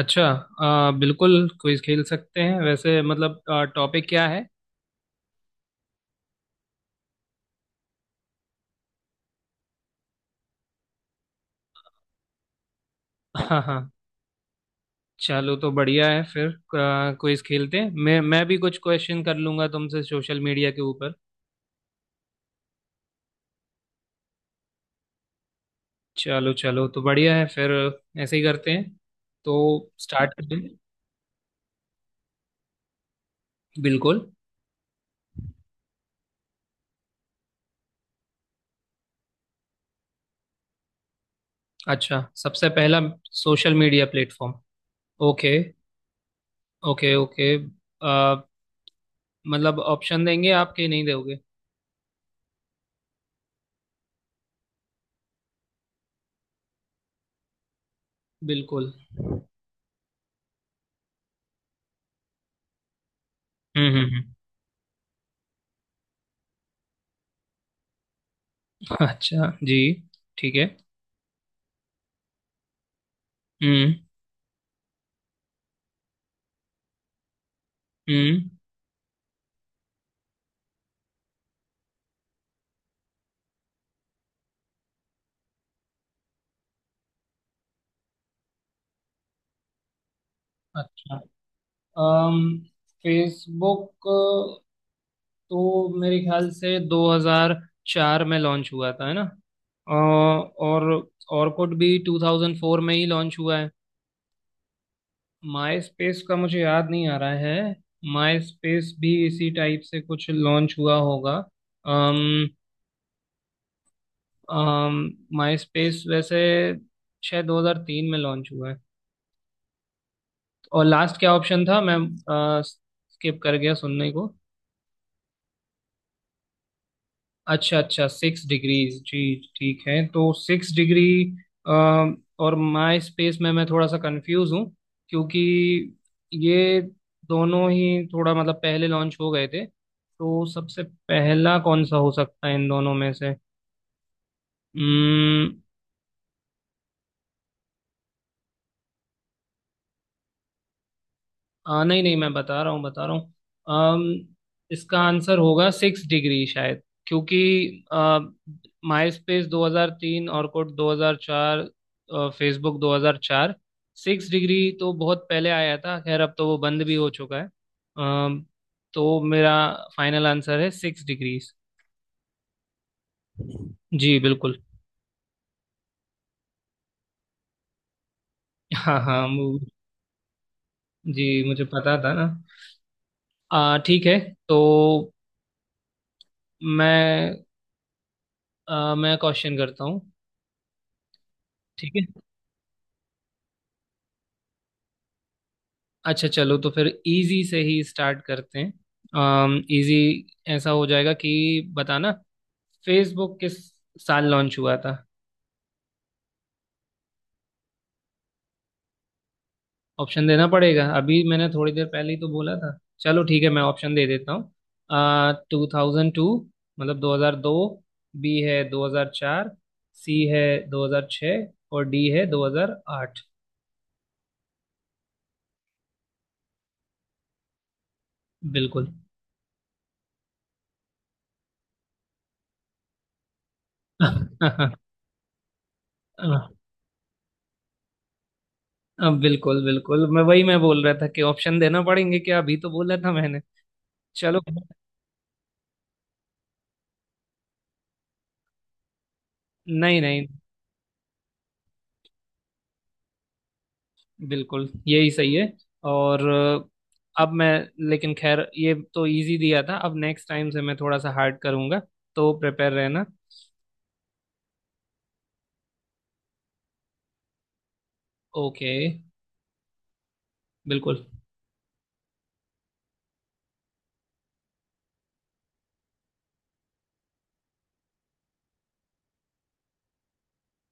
अच्छा। बिल्कुल क्विज खेल सकते हैं वैसे मतलब टॉपिक क्या है। हाँ हाँ, चलो तो बढ़िया है फिर। क्विज खेलते हैं, मैं भी कुछ क्वेश्चन कर लूंगा तुमसे सोशल मीडिया के ऊपर। चलो चलो, तो बढ़िया है फिर। ऐसे ही करते हैं, तो स्टार्ट करते हैं। बिल्कुल। अच्छा, सबसे पहला social media platform. Okay. Okay okay, आ, मतलब ऑप्शन देंगे आप कि नहीं दोगे। बिल्कुल। हम्म हम्म हम्म। अच्छा जी। ठीक है। हम्म हम्म। अच्छा, अम फेसबुक तो मेरे ख्याल से 2004 में लॉन्च हुआ था है ना। अ, और ऑर्कुट भी 2004 में ही लॉन्च हुआ है। माई स्पेस का मुझे याद नहीं आ रहा है। माई स्पेस भी इसी टाइप से कुछ लॉन्च हुआ होगा। अम अम माई स्पेस वैसे शायद 2003 में लॉन्च हुआ है। और लास्ट क्या ऑप्शन था, मैं स्किप कर गया सुनने को। अच्छा अच्छा, सिक्स डिग्रीज जी। ठीक है, तो सिक्स डिग्री और माई स्पेस में मैं थोड़ा सा कंफ्यूज हूँ, क्योंकि ये दोनों ही थोड़ा मतलब पहले लॉन्च हो गए थे, तो सबसे पहला कौन सा हो सकता है इन दोनों में से। Hmm। नहीं नहीं, मैं बता रहा हूँ। अम, इसका आंसर होगा सिक्स डिग्री शायद, क्योंकि MySpace 2003, Orkut 2004, Facebook 2004। Six degree तो बहुत पहले आया था, खैर अब तो वो बंद भी हो चुका है। अम, तो मेरा फाइनल आंसर है सिक्स डिग्रीज। जी बिल्कुल। हाँ हाँ, जी मुझे पता था ना। ठीक है। तो मैं मैं क्वेश्चन करता हूँ। ठीक है। अच्छा, चलो तो फिर इजी से ही स्टार्ट करते हैं। इजी ऐसा हो जाएगा कि बताना, फेसबुक किस साल लॉन्च हुआ था। ऑप्शन देना पड़ेगा, अभी मैंने थोड़ी देर पहले ही तो बोला था। चलो, ठीक है, मैं ऑप्शन दे देता हूँ। 2002, मतलब 2002। बी है 2004। सी है 2006। और डी है 2008। बिल्कुल। अब बिल्कुल बिल्कुल, मैं वही मैं बोल रहा था कि ऑप्शन देना पड़ेंगे क्या, अभी तो बोला था मैंने। चलो। नहीं नहीं। बिल्कुल यही सही है। और अब मैं। लेकिन खैर ये तो इजी दिया था, अब नेक्स्ट टाइम से मैं थोड़ा सा हार्ड करूंगा, तो प्रिपेयर रहना। ओके। बिल्कुल।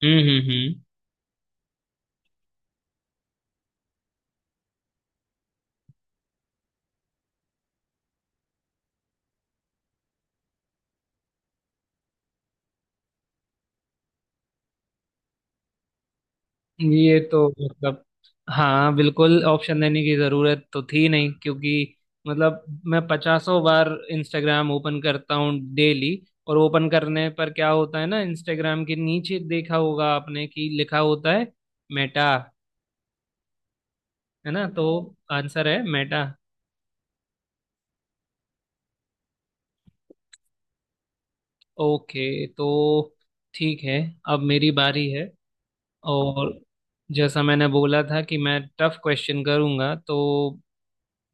हम्म। ये तो मतलब, हाँ बिल्कुल, ऑप्शन देने की जरूरत तो थी नहीं क्योंकि मतलब मैं पचासों बार इंस्टाग्राम ओपन करता हूँ डेली। और ओपन करने पर क्या होता है ना, इंस्टाग्राम के नीचे देखा होगा आपने कि लिखा होता है मेटा। है ना, तो आंसर है मेटा। ओके, तो ठीक है, अब मेरी बारी है। और जैसा मैंने बोला था कि मैं टफ क्वेश्चन करूंगा, तो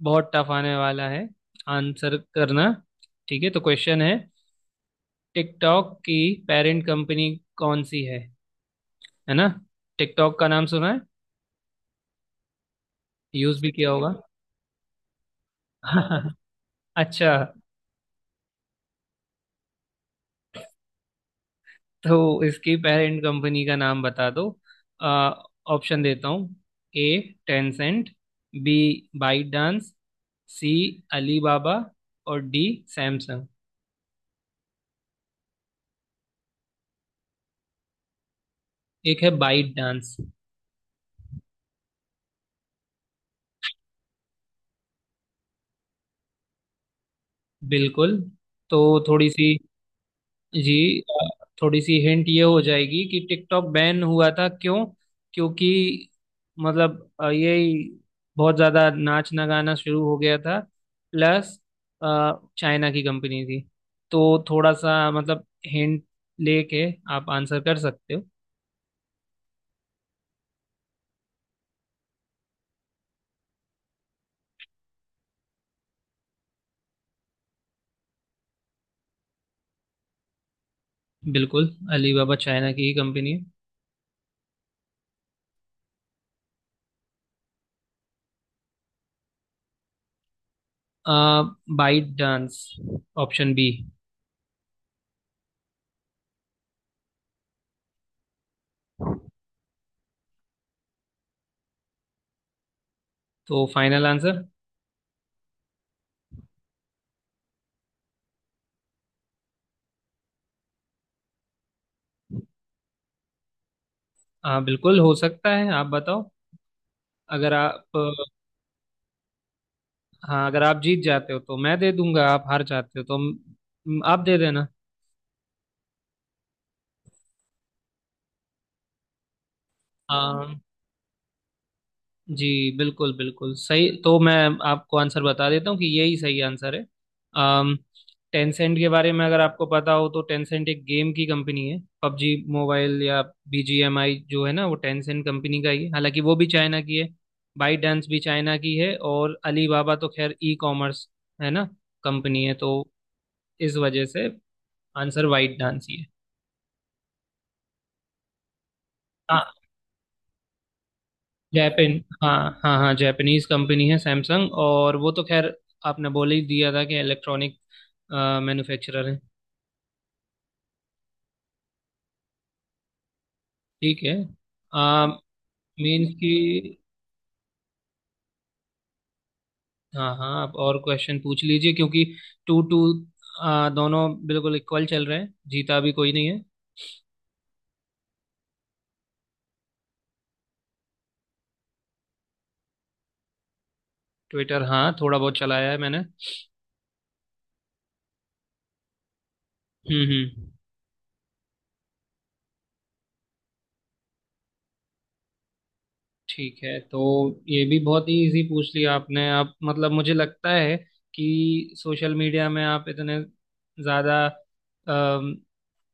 बहुत टफ आने वाला है। आंसर करना। ठीक है, तो क्वेश्चन है, टिकटॉक की पेरेंट कंपनी कौन सी है। है ना, टिकटॉक का नाम सुना है। यूज भी किया होगा। अच्छा, तो इसकी पेरेंट कंपनी का नाम बता दो। ऑप्शन देता हूँ। A, Tencent. B, ByteDance. C, Alibaba. और डी, सैमसंग। एक है बाइट डांस। बिल्कुल। तो थोड़ी सी, जी थोड़ी सी हिंट ये हो जाएगी कि टिकटॉक बैन हुआ था क्यों। क्योंकि मतलब ये बहुत ज्यादा नाचना गाना शुरू हो गया था, प्लस चाइना की कंपनी थी, तो थोड़ा सा मतलब हिंट लेके आप आंसर कर सकते हो। बिल्कुल। अलीबाबा चाइना की ही कंपनी है। आ, बाइट डांस, ऑप्शन बी। तो फाइनल आंसर। हाँ बिल्कुल, हो सकता है। आप बताओ। अगर आप, हाँ, अगर आप जीत जाते हो तो मैं दे दूंगा, आप हार जाते हो तो आप दे देना। हाँ जी, बिल्कुल बिल्कुल सही। तो मैं आपको आंसर बता देता हूँ कि यही सही आंसर है। अम टेंसेंट के बारे में अगर आपको पता हो, तो टेंसेंट एक गेम की कंपनी है। पबजी मोबाइल या बीजीएमआई जो है ना, वो टेंसेंट कंपनी का ही है, हालांकि वो भी चाइना की है। बाईडांस भी चाइना की है। और अलीबाबा तो खैर ई कॉमर्स है ना, कंपनी है, तो इस वजह से आंसर बाईडांस ही है। जापान। हाँ हाँ हाँ, जापानीज कंपनी है सैमसंग, और वो तो खैर आपने बोल ही दिया था कि इलेक्ट्रॉनिक मैन्युफैक्चरर है। ठीक है। आ, मीन्स कि, हाँ हाँ, आप और क्वेश्चन पूछ लीजिए क्योंकि टू टू दोनों बिल्कुल इक्वल चल रहे हैं, जीता भी कोई नहीं है। ट्विटर, हाँ थोड़ा बहुत चलाया है मैंने। हम्म। ठीक है, तो ये भी बहुत ही इजी पूछ लिया आपने। आप मतलब, मुझे लगता है कि सोशल मीडिया में आप इतने ज़्यादा अम,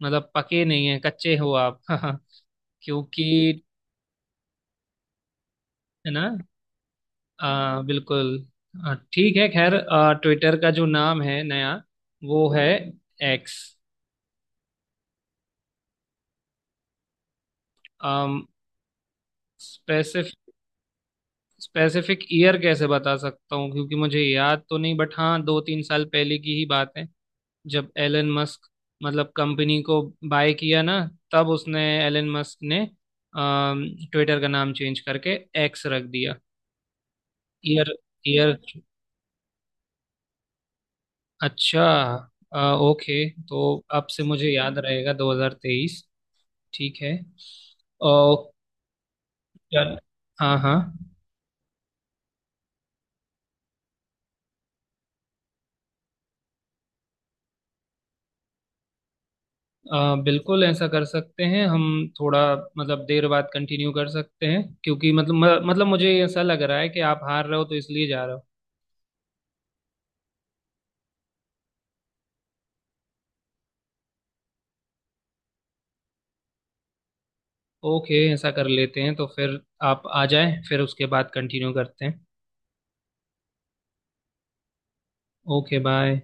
मतलब पके नहीं हैं, कच्चे हो आप। क्योंकि है ना। बिल्कुल। ठीक है, खैर ट्विटर का जो नाम है नया, वो है एक्स। स्पेसिफिक स्पेसिफिक ईयर कैसे बता सकता हूँ क्योंकि मुझे याद तो नहीं, बट हाँ दो तीन साल पहले की ही बात है, जब एलन मस्क मतलब कंपनी को बाय किया ना, तब उसने एलन मस्क ने ट्विटर का नाम चेंज करके एक्स रख दिया। ईयर, ईयर, अच्छा ओके, तो अब से मुझे याद रहेगा 2023। ठीक है। ओ, चल। हाँ हाँ, बिल्कुल ऐसा कर सकते हैं हम। थोड़ा मतलब देर बाद कंटिन्यू कर सकते हैं क्योंकि मतलब मुझे ऐसा लग रहा है कि आप हार रहे हो, तो इसलिए जा रहे हो। ओके, ऐसा कर लेते हैं तो फिर आप आ जाए, फिर उसके बाद कंटिन्यू करते हैं। Okay bye.